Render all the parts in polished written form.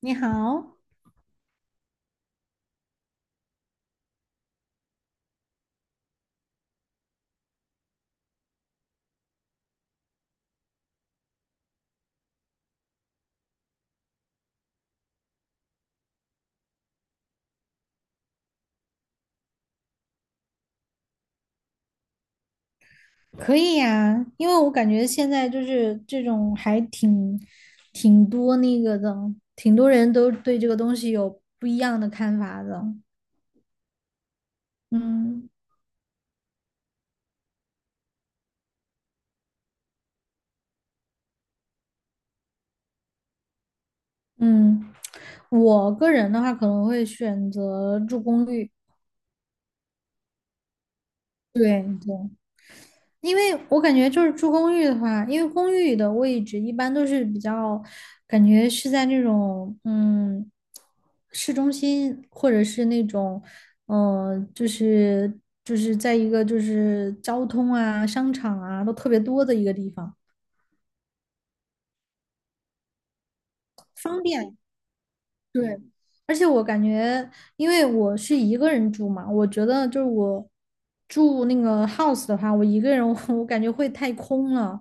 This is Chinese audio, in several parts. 你好。可以呀，因为我感觉现在就是这种还挺多那个的，挺多人都对这个东西有不一样的看法的。嗯嗯，我个人的话可能会选择住公寓。对，因为我感觉就是住公寓的话，因为公寓的位置一般都是比较，感觉是在那种市中心，或者是那种嗯、呃就是就是在一个就是交通啊、商场啊都特别多的一个地方，方便。对，而且我感觉，因为我是一个人住嘛，我觉得就是我住那个 house 的话，我一个人我，我感觉会太空了。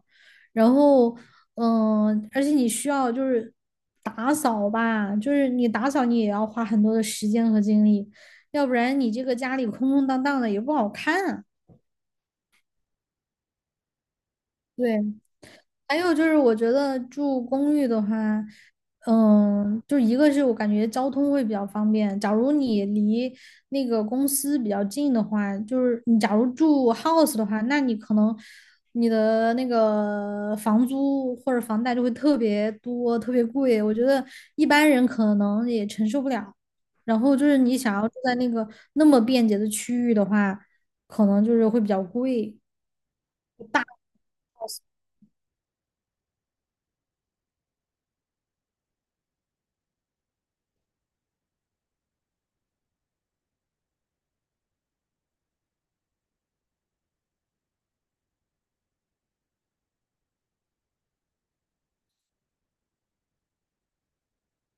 然后，而且你需要就是打扫吧，就是你打扫你也要花很多的时间和精力，要不然你这个家里空空荡荡的也不好看啊。对。还有就是，我觉得住公寓的话，嗯，就一个是我感觉交通会比较方便。假如你离那个公司比较近的话，就是你假如住 house 的话，那你可能你的那个房租或者房贷就会特别多、特别贵。我觉得一般人可能也承受不了。然后就是你想要住在那个那么便捷的区域的话，可能就是会比较贵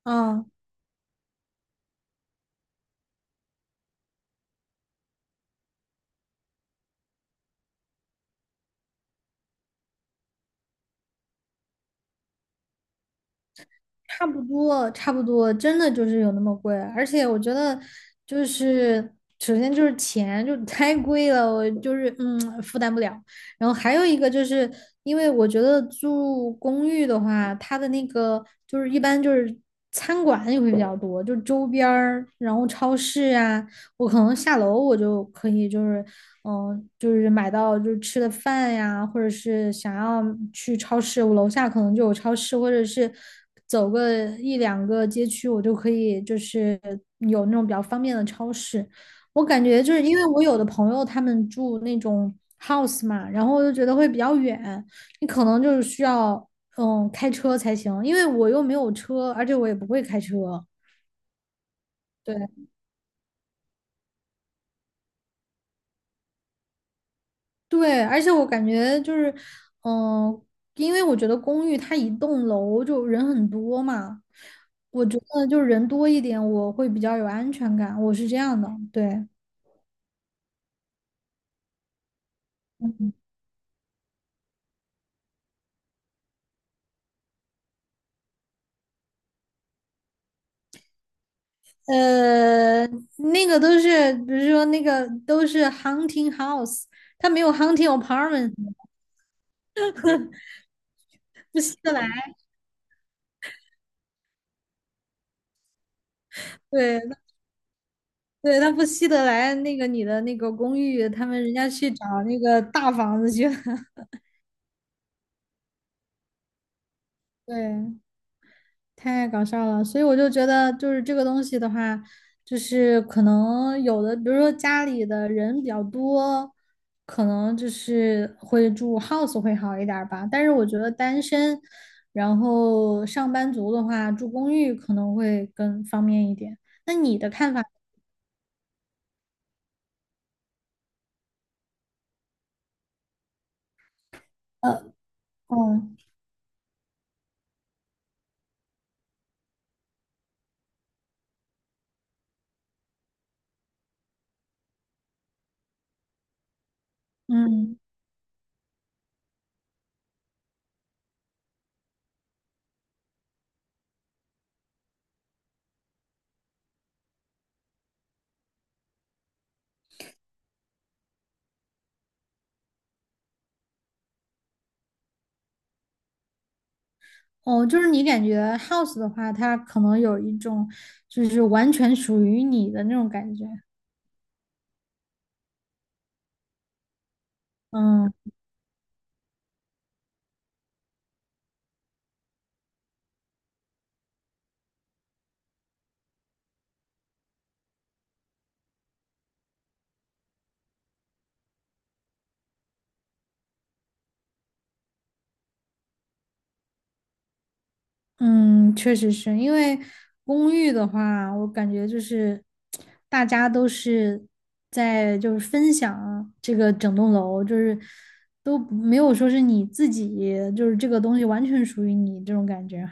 啊。差不多，差不多，真的就是有那么贵，而且我觉得就是首先就是钱就太贵了，我就是负担不了。然后还有一个就是因为我觉得住公寓的话，它的那个就是一般就是餐馆也会比较多，就周边儿，然后超市啊，我可能下楼我就可以，就是就是买到就是吃的饭呀，或者是想要去超市，我楼下可能就有超市，或者是走个一两个街区，我就可以就是有那种比较方便的超市。我感觉就是因为我有的朋友他们住那种 house 嘛，然后我就觉得会比较远，你可能就是需要开车才行，因为我又没有车，而且我也不会开车。对。对，而且我感觉就是，嗯、因为我觉得公寓它一栋楼就人很多嘛，我觉得就是人多一点，我会比较有安全感，我是这样的，对。呃，那个都是，比如说那个都是 hunting house，它没有 hunting apartment，不稀得来。对对，它不稀得来那个你的那个公寓，他们人家去找那个大房子去了。对。太搞笑了，所以我就觉得，就是这个东西的话，就是可能有的，比如说家里的人比较多，可能就是会住 house 会好一点儿吧。但是我觉得单身，然后上班族的话，住公寓可能会更方便一点。那你的看法？呃，哦，嗯，哦，就是你感觉 house 的话，它可能有一种就是完全属于你的那种感觉。嗯。嗯，确实是因为公寓的话，我感觉就是大家都是在就是分享这个整栋楼，就是都没有说是你自己，就是这个东西完全属于你这种感觉。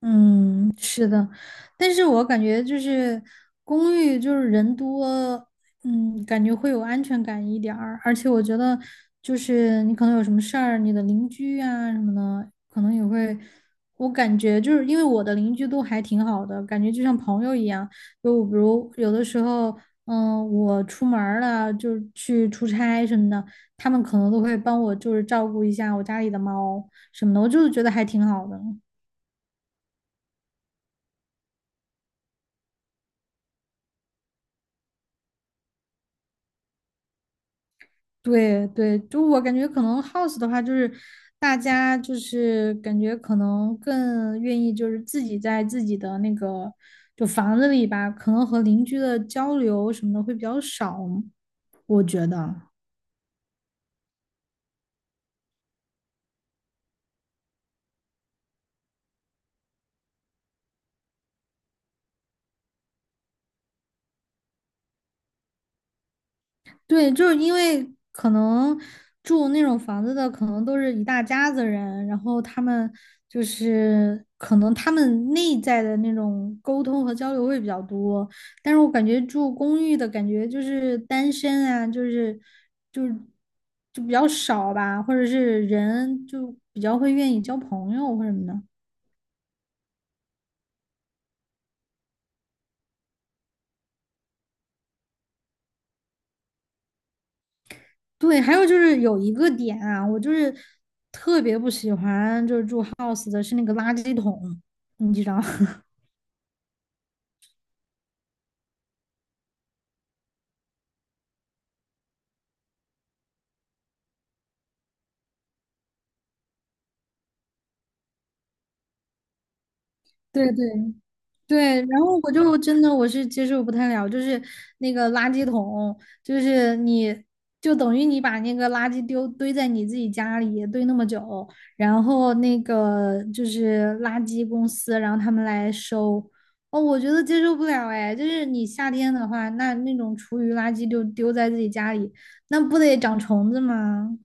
嗯，是的，但是我感觉就是公寓就是人多，嗯，感觉会有安全感一点儿，而且我觉得就是你可能有什么事儿，你的邻居啊什么的，可能也会，我感觉就是因为我的邻居都还挺好的，感觉就像朋友一样，就比如有的时候，我出门儿了，就是去出差什么的，他们可能都会帮我就是照顾一下我家里的猫什么的，我就是觉得还挺好的。对对，就我感觉可能 house 的话，就是大家就是感觉可能更愿意就是自己在自己的那个就房子里吧，可能和邻居的交流什么的会比较少，我觉得。对，就是因为可能住那种房子的，可能都是一大家子人，然后他们就是可能他们内在的那种沟通和交流会比较多，但是我感觉住公寓的感觉就是单身啊，就是就比较少吧，或者是人就比较会愿意交朋友或什么的。对，还有就是有一个点啊，我就是特别不喜欢就是住 house 的是那个垃圾桶，你知道。对对对，然后我就真的我是接受不太了，就是那个垃圾桶，就是你就等于你把那个垃圾丢堆在你自己家里堆那么久，然后那个就是垃圾公司，然后他们来收，哦，我觉得接受不了哎，就是你夏天的话，那种厨余垃圾就丢在自己家里，那不得长虫子吗？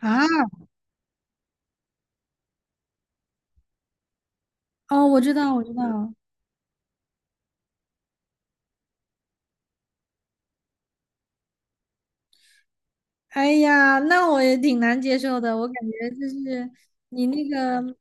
啊。哦，我知道，我知道。哎呀，那我也挺难接受的。我感觉就是你那个，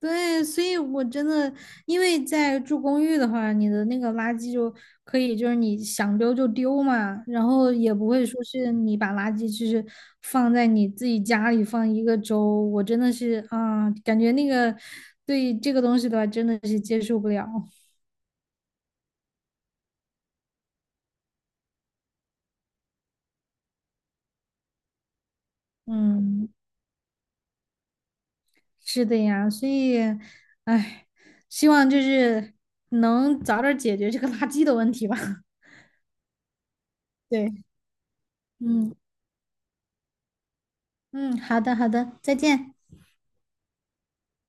对，所以我真的，因为在住公寓的话，你的那个垃圾就可以，就是你想丢就丢嘛，然后也不会说是你把垃圾就是放在你自己家里放一个周。我真的是啊，感觉那个对这个东西的话，真的是接受不了。嗯。是的呀，所以，唉，希望就是能早点解决这个垃圾的问题吧。对。嗯嗯，好的好的，再见。